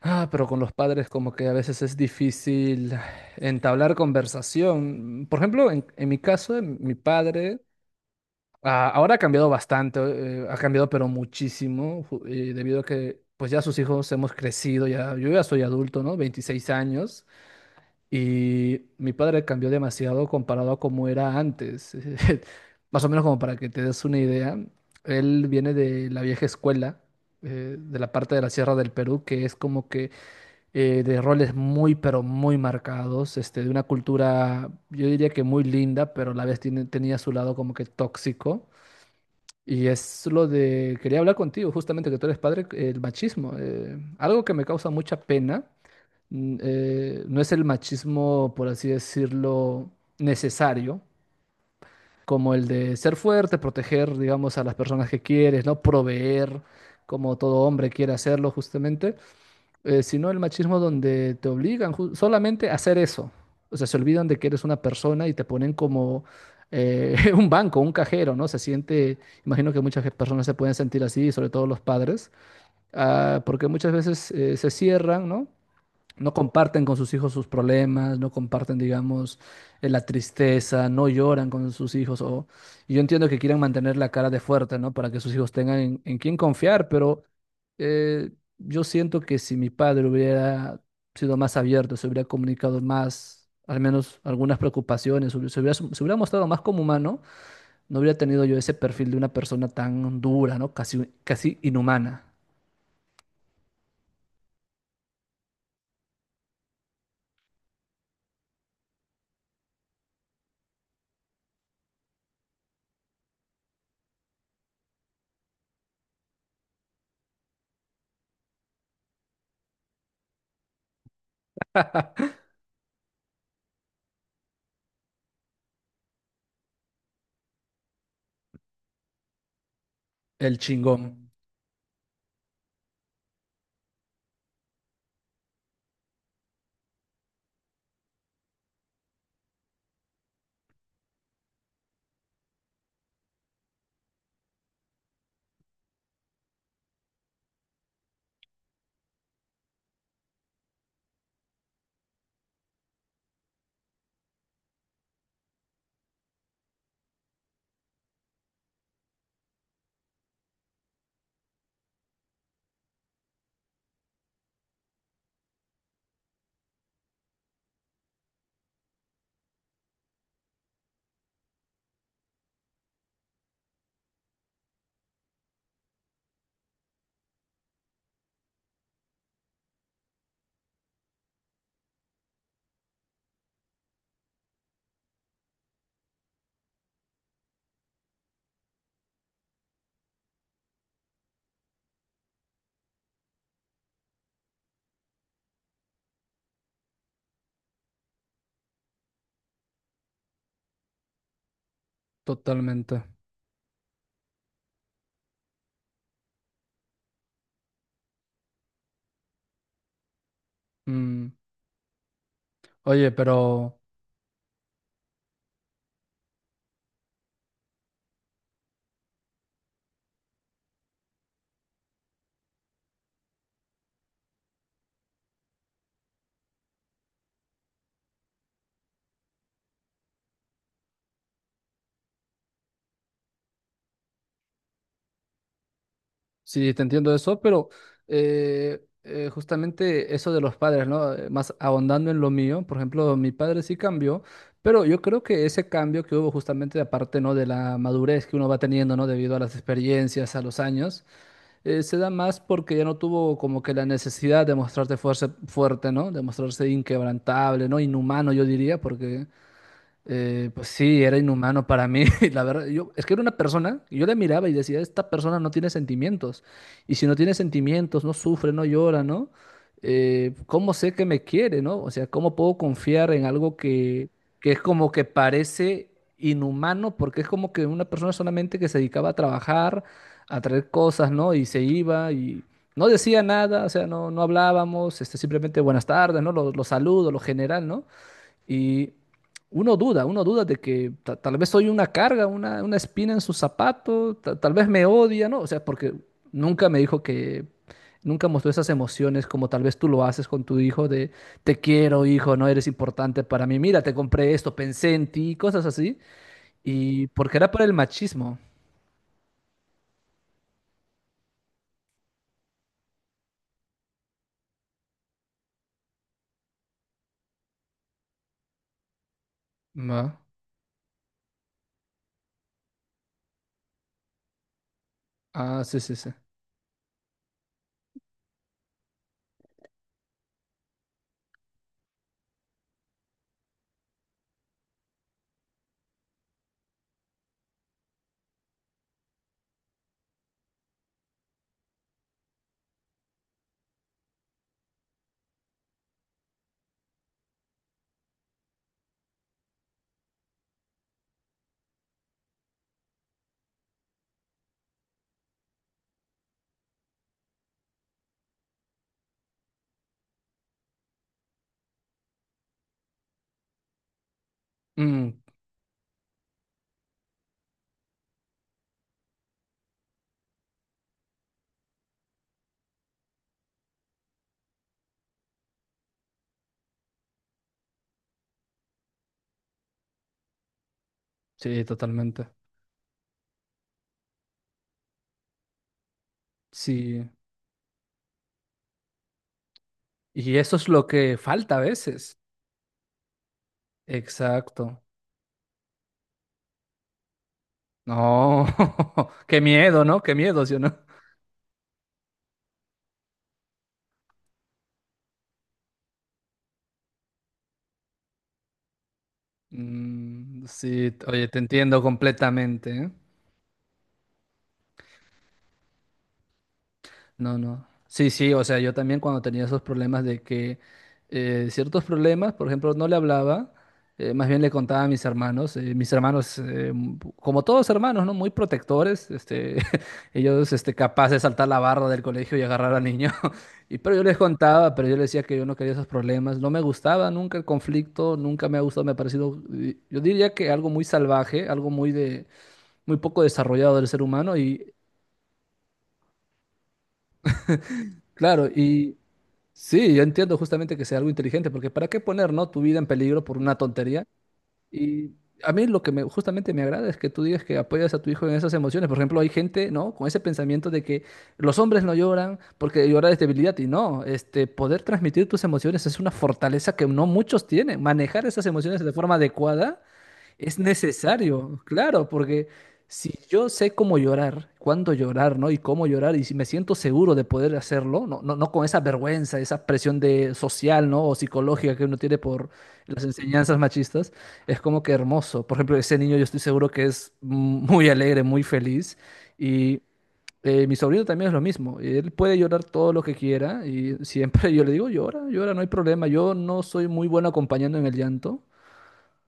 Ah, pero con los padres como que a veces es difícil entablar conversación. Por ejemplo, en mi caso, en mi padre ahora ha cambiado bastante, ha cambiado pero muchísimo, debido a que pues ya sus hijos hemos crecido, ya, yo ya soy adulto, ¿no? 26 años, y mi padre cambió demasiado comparado a como era antes. Más o menos como para que te des una idea, él viene de la vieja escuela, de la parte de la Sierra del Perú, que es como que de roles muy, pero muy marcados, este, de una cultura, yo diría que muy linda, pero a la vez tenía su lado como que tóxico. Y es lo de, quería hablar contigo, justamente que tú eres padre, el machismo. Algo que me causa mucha pena, mm, no es el machismo, por así decirlo, necesario, como el de ser fuerte, proteger, digamos, a las personas que quieres, ¿no? Proveer, como todo hombre quiere hacerlo justamente sino el machismo donde te obligan solamente a hacer eso. O sea, se olvidan de que eres una persona y te ponen como un banco, un cajero, ¿no? Se siente, imagino que muchas personas se pueden sentir así, sobre todo los padres, porque muchas veces se cierran, ¿no? No comparten con sus hijos sus problemas, no comparten, digamos, la tristeza, no lloran con sus hijos. O... y Yo entiendo que quieran mantener la cara de fuerte, ¿no? Para que sus hijos tengan en quién confiar, pero eh, yo siento que si mi padre hubiera sido más abierto, se hubiera comunicado más, al menos algunas preocupaciones, se hubiera mostrado más como humano, no hubiera tenido yo ese perfil de una persona tan dura, ¿no? Casi, casi inhumana. El chingón. Totalmente. Mm. Oye, pero sí, te entiendo eso, pero justamente eso de los padres, ¿no? Más ahondando en lo mío, por ejemplo, mi padre sí cambió, pero yo creo que ese cambio que hubo justamente aparte, ¿no? De la madurez que uno va teniendo, ¿no? Debido a las experiencias, a los años, se da más porque ya no tuvo como que la necesidad de mostrarte fuerza, fuerte, ¿no? De mostrarse inquebrantable, ¿no? Inhumano, yo diría, porque eh, pues sí, era inhumano para mí, la verdad. Yo, es que era una persona, y yo le miraba y decía, esta persona no tiene sentimientos. Y si no tiene sentimientos, no sufre, no llora, ¿no? ¿Cómo sé que me quiere, ¿no? O sea, ¿cómo puedo confiar en algo que es como que parece inhumano? Porque es como que una persona solamente que se dedicaba a trabajar, a traer cosas, ¿no? Y se iba y no decía nada, o sea, no, no hablábamos, este, simplemente buenas tardes, ¿no? Los saludos, lo general, ¿no? Y uno duda de que tal vez soy una carga, una espina en su zapato, tal vez me odia, ¿no? O sea, porque nunca me dijo que, nunca mostró esas emociones como tal vez tú lo haces con tu hijo de te quiero, hijo, no eres importante para mí, mira, te compré esto, pensé en ti, cosas así. Y porque era por el machismo. Ma- Ah, sí, sí, sí. Mm, sí, totalmente. Sí. Y eso es lo que falta a veces. Exacto. No, qué miedo, ¿no? Qué miedo, ¿sí o no? Mm, sí, oye, te entiendo completamente, ¿eh? No, no. Sí, sí, o sea, yo también cuando tenía esos problemas de que ciertos problemas, por ejemplo, no le hablaba, más bien le contaba a mis hermanos, como todos hermanos, ¿no? Muy protectores, este, ellos, este, capaces de saltar la barra del colegio y agarrar al niño. Y, pero yo les contaba, pero yo les decía que yo no quería esos problemas, no me gustaba nunca el conflicto, nunca me ha gustado, me ha parecido, yo diría que algo muy salvaje, algo muy de, muy poco desarrollado del ser humano y, claro, y... Sí, yo entiendo justamente que sea algo inteligente, porque ¿para qué poner, no, tu vida en peligro por una tontería? Y a mí lo que me, justamente me agrada es que tú digas que apoyas a tu hijo en esas emociones. Por ejemplo, hay gente, ¿no? Con ese pensamiento de que los hombres no lloran porque llorar es debilidad. Y no, este, poder transmitir tus emociones es una fortaleza que no muchos tienen. Manejar esas emociones de forma adecuada es necesario, claro, porque si yo sé cómo llorar, cuándo llorar, ¿no? Y cómo llorar, y si me siento seguro de poder hacerlo, no, no, no con esa vergüenza, esa presión de social, ¿no? O psicológica que uno tiene por las enseñanzas machistas, es como que hermoso. Por ejemplo, ese niño yo estoy seguro que es muy alegre, muy feliz. Y mi sobrino también es lo mismo. Él puede llorar todo lo que quiera y siempre yo le digo, llora, llora, no hay problema. Yo no soy muy bueno acompañando en el llanto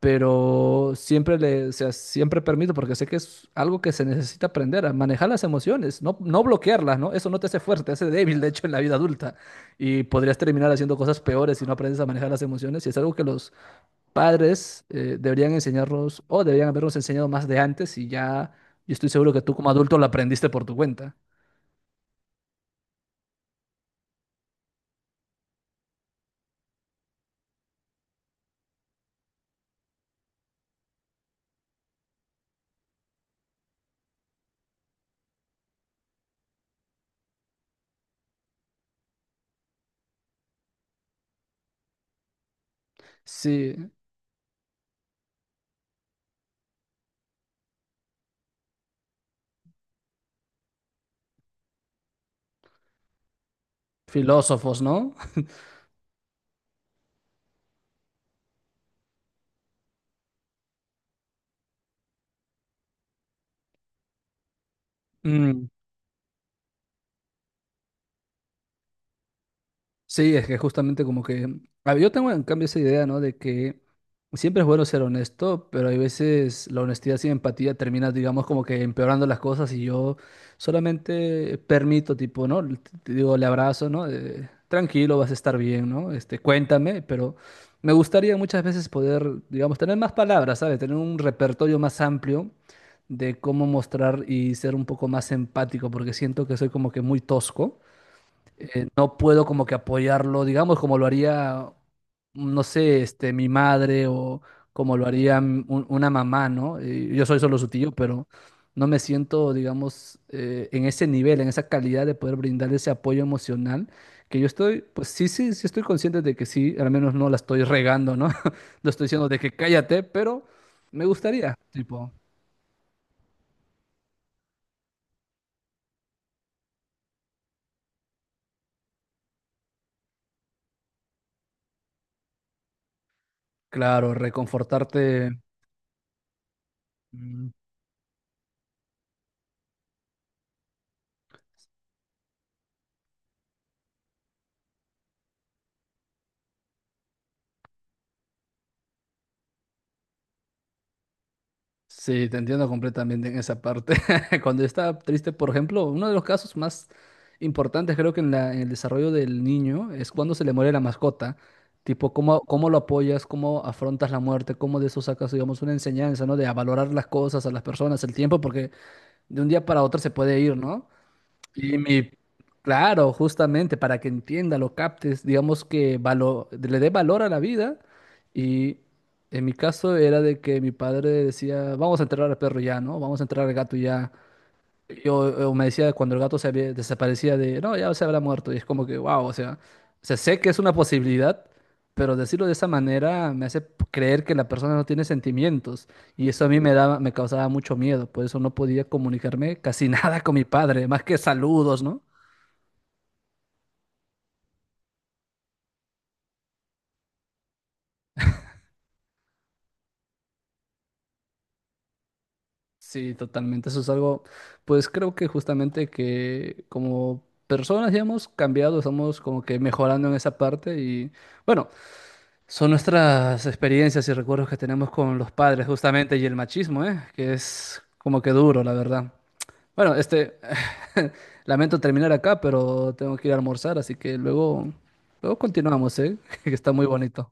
pero siempre le, o sea, siempre permito, porque sé que es algo que se necesita aprender, a manejar las emociones, no, no bloquearlas, ¿no? Eso no te hace fuerte, te hace débil, de hecho, en la vida adulta. Y podrías terminar haciendo cosas peores si no aprendes a manejar las emociones. Y es algo que los padres deberían enseñarnos, o deberían habernos enseñado más de antes, y ya, yo estoy seguro que tú como adulto lo aprendiste por tu cuenta. Sí, filósofos, ¿no? Mm, sí, es que justamente como que... A ver, yo tengo en cambio esa idea, ¿no? De que siempre es bueno ser honesto, pero hay veces la honestidad sin empatía termina, digamos, como que empeorando las cosas y yo solamente permito, tipo, ¿no? Te digo, le abrazo, ¿no? Tranquilo, vas a estar bien, ¿no? Este, cuéntame, pero me gustaría muchas veces poder, digamos, tener más palabras, ¿sabes? Tener un repertorio más amplio de cómo mostrar y ser un poco más empático, porque siento que soy como que muy tosco no puedo como que apoyarlo, digamos, como lo haría, no sé, este, mi madre o como lo haría una mamá, ¿no? Yo soy solo su tío, pero no me siento, digamos, en ese nivel, en esa calidad de poder brindar ese apoyo emocional, que yo estoy, pues sí, sí, sí estoy consciente de que sí, al menos no la estoy regando, ¿no? No estoy diciendo de que cállate, pero me gustaría, tipo, claro, reconfortarte. Mm, sí, te entiendo completamente en esa parte. Cuando yo estaba triste, por ejemplo, uno de los casos más importantes creo que en en el desarrollo del niño es cuando se le muere la mascota. Tipo, cómo, cómo lo apoyas, cómo afrontas la muerte, cómo de eso sacas, digamos, una enseñanza, ¿no? De a valorar las cosas, a las personas, el tiempo, porque de un día para otro se puede ir, ¿no? Y claro, justamente para que entienda, lo captes, digamos que le dé valor a la vida. Y en mi caso era de que mi padre decía, vamos a enterrar al perro ya, ¿no? Vamos a enterrar al gato ya. Yo me decía cuando el gato desaparecía de, no, ya se habrá muerto. Y es como que, wow, o sea, sé que es una posibilidad, pero decirlo de esa manera me hace creer que la persona no tiene sentimientos. Y eso a mí me daba, me causaba mucho miedo. Por eso no podía comunicarme casi nada con mi padre, más que saludos, ¿no? Sí, totalmente. Eso es algo, pues creo que justamente que como personas ya hemos cambiado, estamos como que mejorando en esa parte y bueno. Son nuestras experiencias y recuerdos que tenemos con los padres, justamente, y el machismo, ¿eh? Que es como que duro, la verdad. Bueno, este, lamento terminar acá, pero tengo que ir a almorzar, así que luego, luego continuamos, ¿eh? Que está muy bonito.